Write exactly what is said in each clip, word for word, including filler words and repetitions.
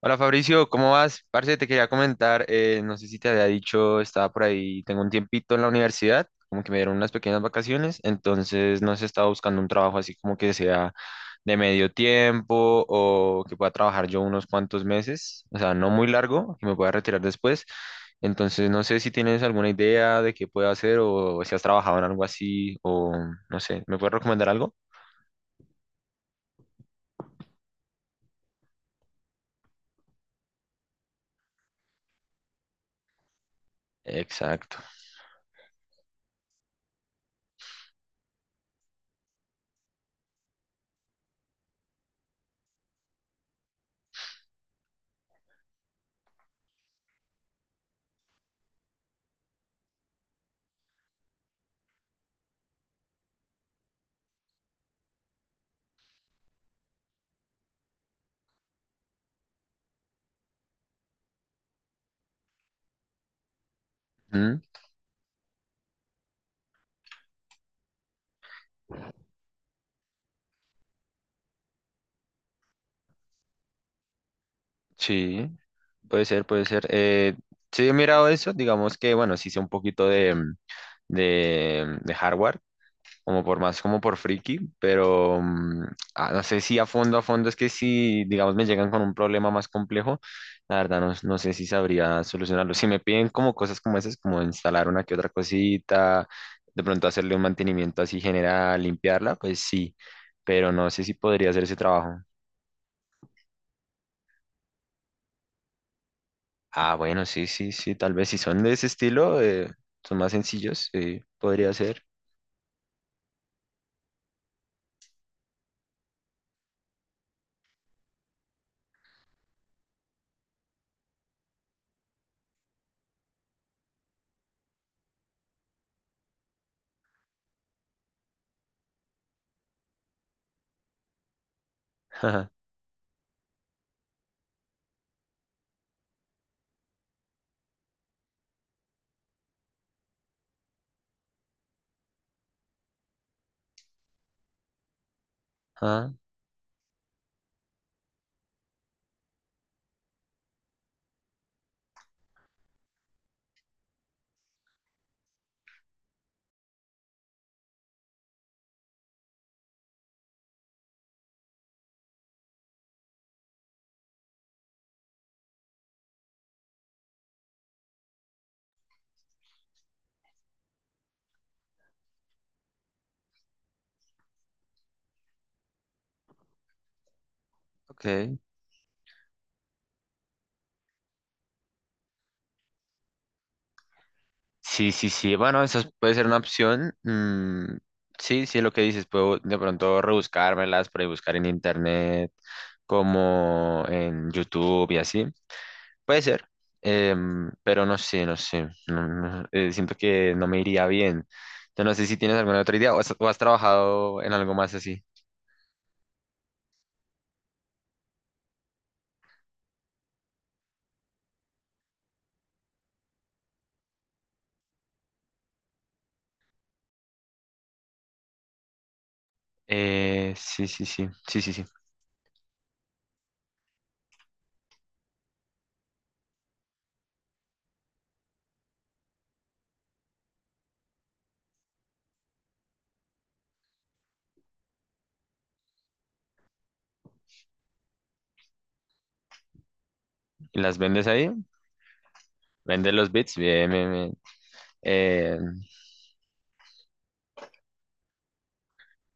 Hola Fabricio, ¿cómo vas? Parce, te quería comentar, eh, no sé si te había dicho, estaba por ahí, tengo un tiempito en la universidad, como que me dieron unas pequeñas vacaciones, entonces no sé, estaba buscando un trabajo así como que sea de medio tiempo o que pueda trabajar yo unos cuantos meses, o sea, no muy largo, que me pueda retirar después, entonces no sé si tienes alguna idea de qué puedo hacer o si has trabajado en algo así o no sé, ¿me puedes recomendar algo? Exacto. Sí, puede ser, puede ser. Eh, sí, he mirado eso, digamos que, bueno, sí sé un poquito de, mm, de, mm, de hardware, como por más, como por friki, pero mm, ah, no sé si a fondo, a fondo, es que si, digamos, me llegan con un problema más complejo, la verdad no, no sé si sabría solucionarlo. Si me piden como cosas como esas, como instalar una que otra cosita, de pronto hacerle un mantenimiento así general, limpiarla, pues sí, pero no sé si podría hacer ese trabajo. Ah, bueno, sí, sí, sí, tal vez si son de ese estilo, eh, son más sencillos, eh, podría ser. Ah, ajá, ok. Sí, sí, sí, bueno, esa puede ser una opción. Mm, sí, sí, lo que dices, puedo de pronto rebuscármelas, por ahí buscar en internet, como en YouTube y así. Puede ser, em, pero no sé, no sé, no- no, eh, siento que no me iría bien. Yo no sé si tienes alguna otra idea o has, o has trabajado en algo más así. Eh, sí, sí, sí, sí, sí, sí. ¿Y las vendes ahí? ¿Vendes los bits? Bien, bien, bien. Eh,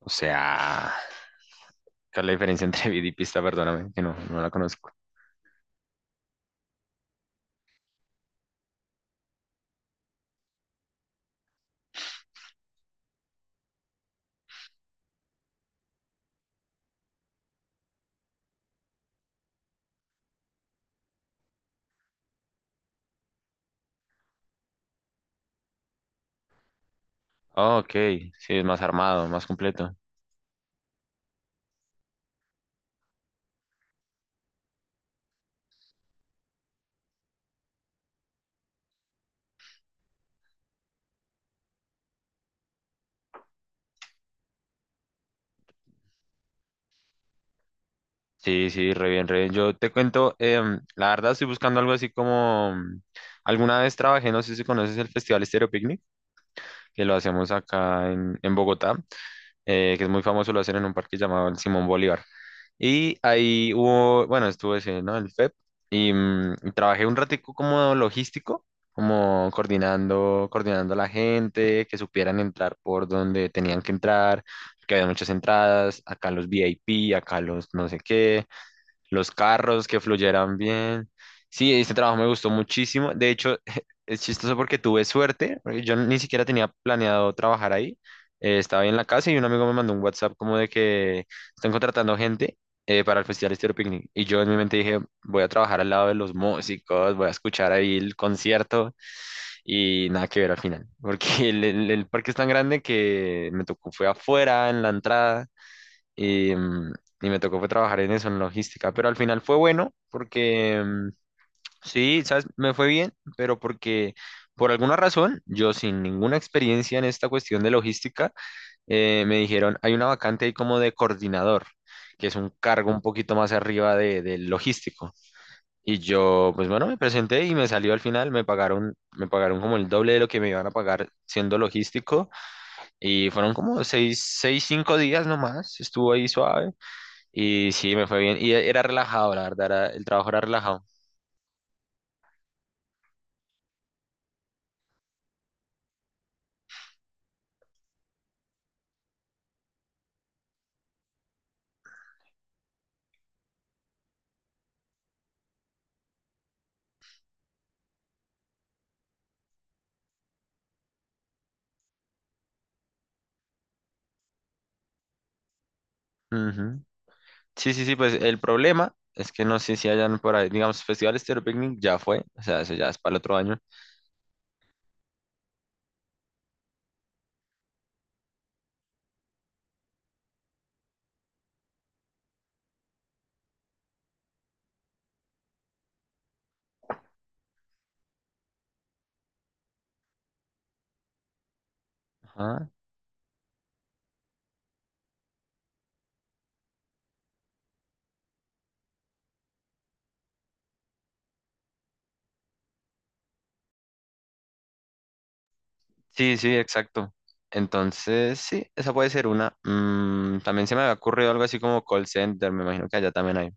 o sea, ¿cuál es la diferencia entre beat y pista? Perdóname, que no, no la conozco. Ah, ok, sí, es más armado, más completo. Sí, sí, re bien, re bien. Yo te cuento, em, la verdad estoy buscando algo así como... mm, alguna vez trabajé, no sé si conoces el Festival Estéreo Picnic, que lo hacemos acá en, en Bogotá. Eh, que es muy famoso, lo hacen en un parque llamado el Simón Bolívar. Y ahí hubo, bueno, estuve ese, ¿no? El F E P y, mm, y trabajé un ratico como logístico, como coordinando, coordinando a la gente, que supieran entrar por donde tenían que entrar, que había muchas entradas, acá los V I P, acá los no sé qué, los carros que fluyeran bien. Sí, este trabajo me gustó muchísimo. De hecho, es chistoso porque tuve suerte, porque yo ni siquiera tenía planeado trabajar ahí. Eh, estaba ahí en la casa y un amigo me mandó un WhatsApp como de que están contratando gente eh, para el Festival Estéreo Picnic. Y yo en mi mente dije, voy a trabajar al lado de los músicos, voy a escuchar ahí el concierto y nada que ver al final, porque el, el el parque es tan grande que me tocó, fue afuera, en la entrada y, mm, y me tocó fue trabajar en eso, en logística, pero al final fue bueno porque mm, sí, ¿sabes? Me fue bien, pero porque por alguna razón, yo sin ninguna experiencia en esta cuestión de logística, eh, me dijeron, hay una vacante ahí como de coordinador, que es un cargo un poquito más arriba de- del logístico. Y yo, pues bueno, me presenté y me salió al final, me pagaron, me pagaron como el doble de lo que me iban a pagar siendo logístico. Y fueron como seis, seis, cinco días nomás, estuvo ahí suave. Y sí, me fue bien. Y e- era relajado, la verdad, era- el trabajo era relajado. Ujú. Sí, sí, sí, pues el problema es que no sé si hayan por ahí, digamos, Festival Estéreo Picnic ya fue, o sea, eso ya es para el otro año. Ajá. Sí, sí, exacto. Entonces, sí, esa puede ser una. Mm, también se me había ocurrido algo así como call center, me imagino que allá también hay.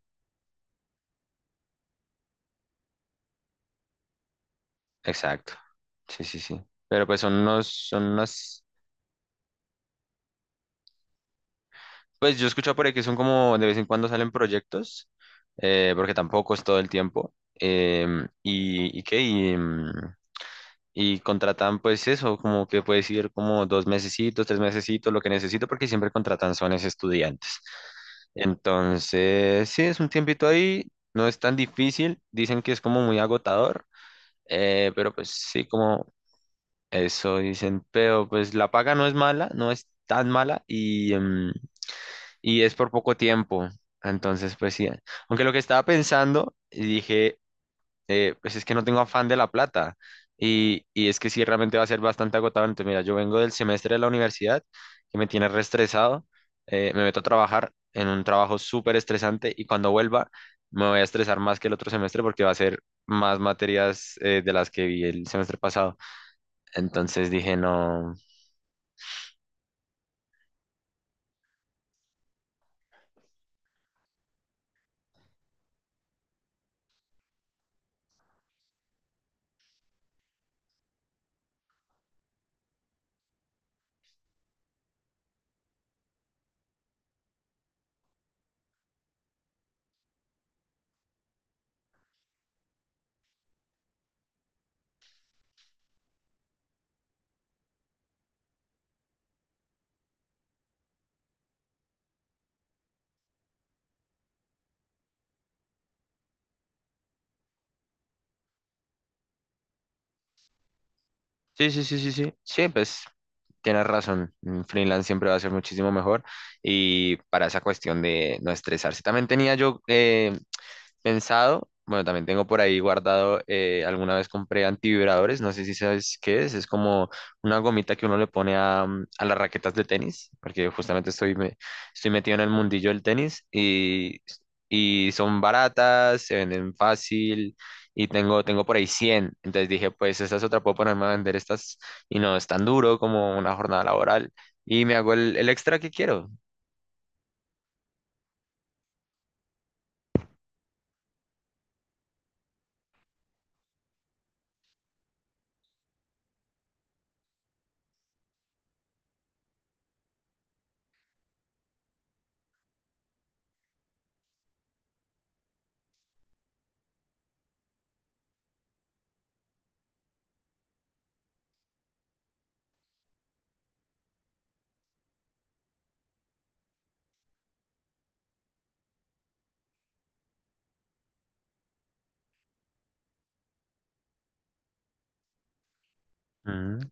Exacto. Sí, sí, sí. Pero pues son unos, son unas, pues yo escucho por ahí que son como de vez en cuando salen proyectos eh, porque tampoco es todo el tiempo. Em, y, y qué, y, mm, y contratan pues eso, como que puedes ir como dos mesecitos, tres mesecitos, lo que necesito, porque siempre contratan son es estudiantes. Entonces, sí, es un tiempito ahí, no es tan difícil, dicen que es como muy agotador, eh, pero pues sí, como eso dicen, pero pues la paga no es mala, no es tan mala y, em, y es por poco tiempo. Entonces, pues sí, aunque lo que estaba pensando, y dije, eh, pues es que no tengo afán de la plata. Y, y es que sí, realmente va a ser bastante agotador. Entonces, mira, yo vengo del semestre de la universidad, que me tiene reestresado, eh, me meto a trabajar en un trabajo súper estresante y cuando vuelva me voy a estresar más que el otro semestre porque va a ser más materias eh, de las que vi el semestre pasado. Entonces dije, no, sí, sí, sí, sí, sí, sí, pues tienes razón, un freelance siempre va a ser muchísimo mejor y para esa cuestión de no estresarse. También tenía yo eh, pensado, bueno, también tengo por ahí guardado, eh, alguna vez compré antivibradores, no sé si sabes qué es, es como una gomita que uno le pone a, mm, a las raquetas de tenis, porque justamente estoy, me- estoy metido en el mundillo del tenis y, y son baratas, se venden fácil y tengo, tengo por ahí cien, entonces dije, pues esa es otra, puedo ponerme a vender estas y no es tan duro como una jornada laboral y me hago el, el extra que quiero. Mm,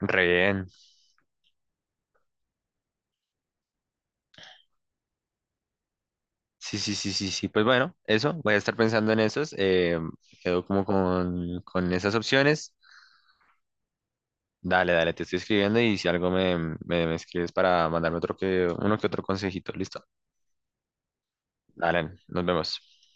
re bien. Sí, sí, sí, sí, sí. Pues bueno, eso, voy a estar pensando en esos. Eh, quedo como con, con esas opciones. Dale, dale, te estoy escribiendo y si algo me, me, me escribes para mandarme otro que, uno que otro consejito, ¿listo? Dale, nos vemos.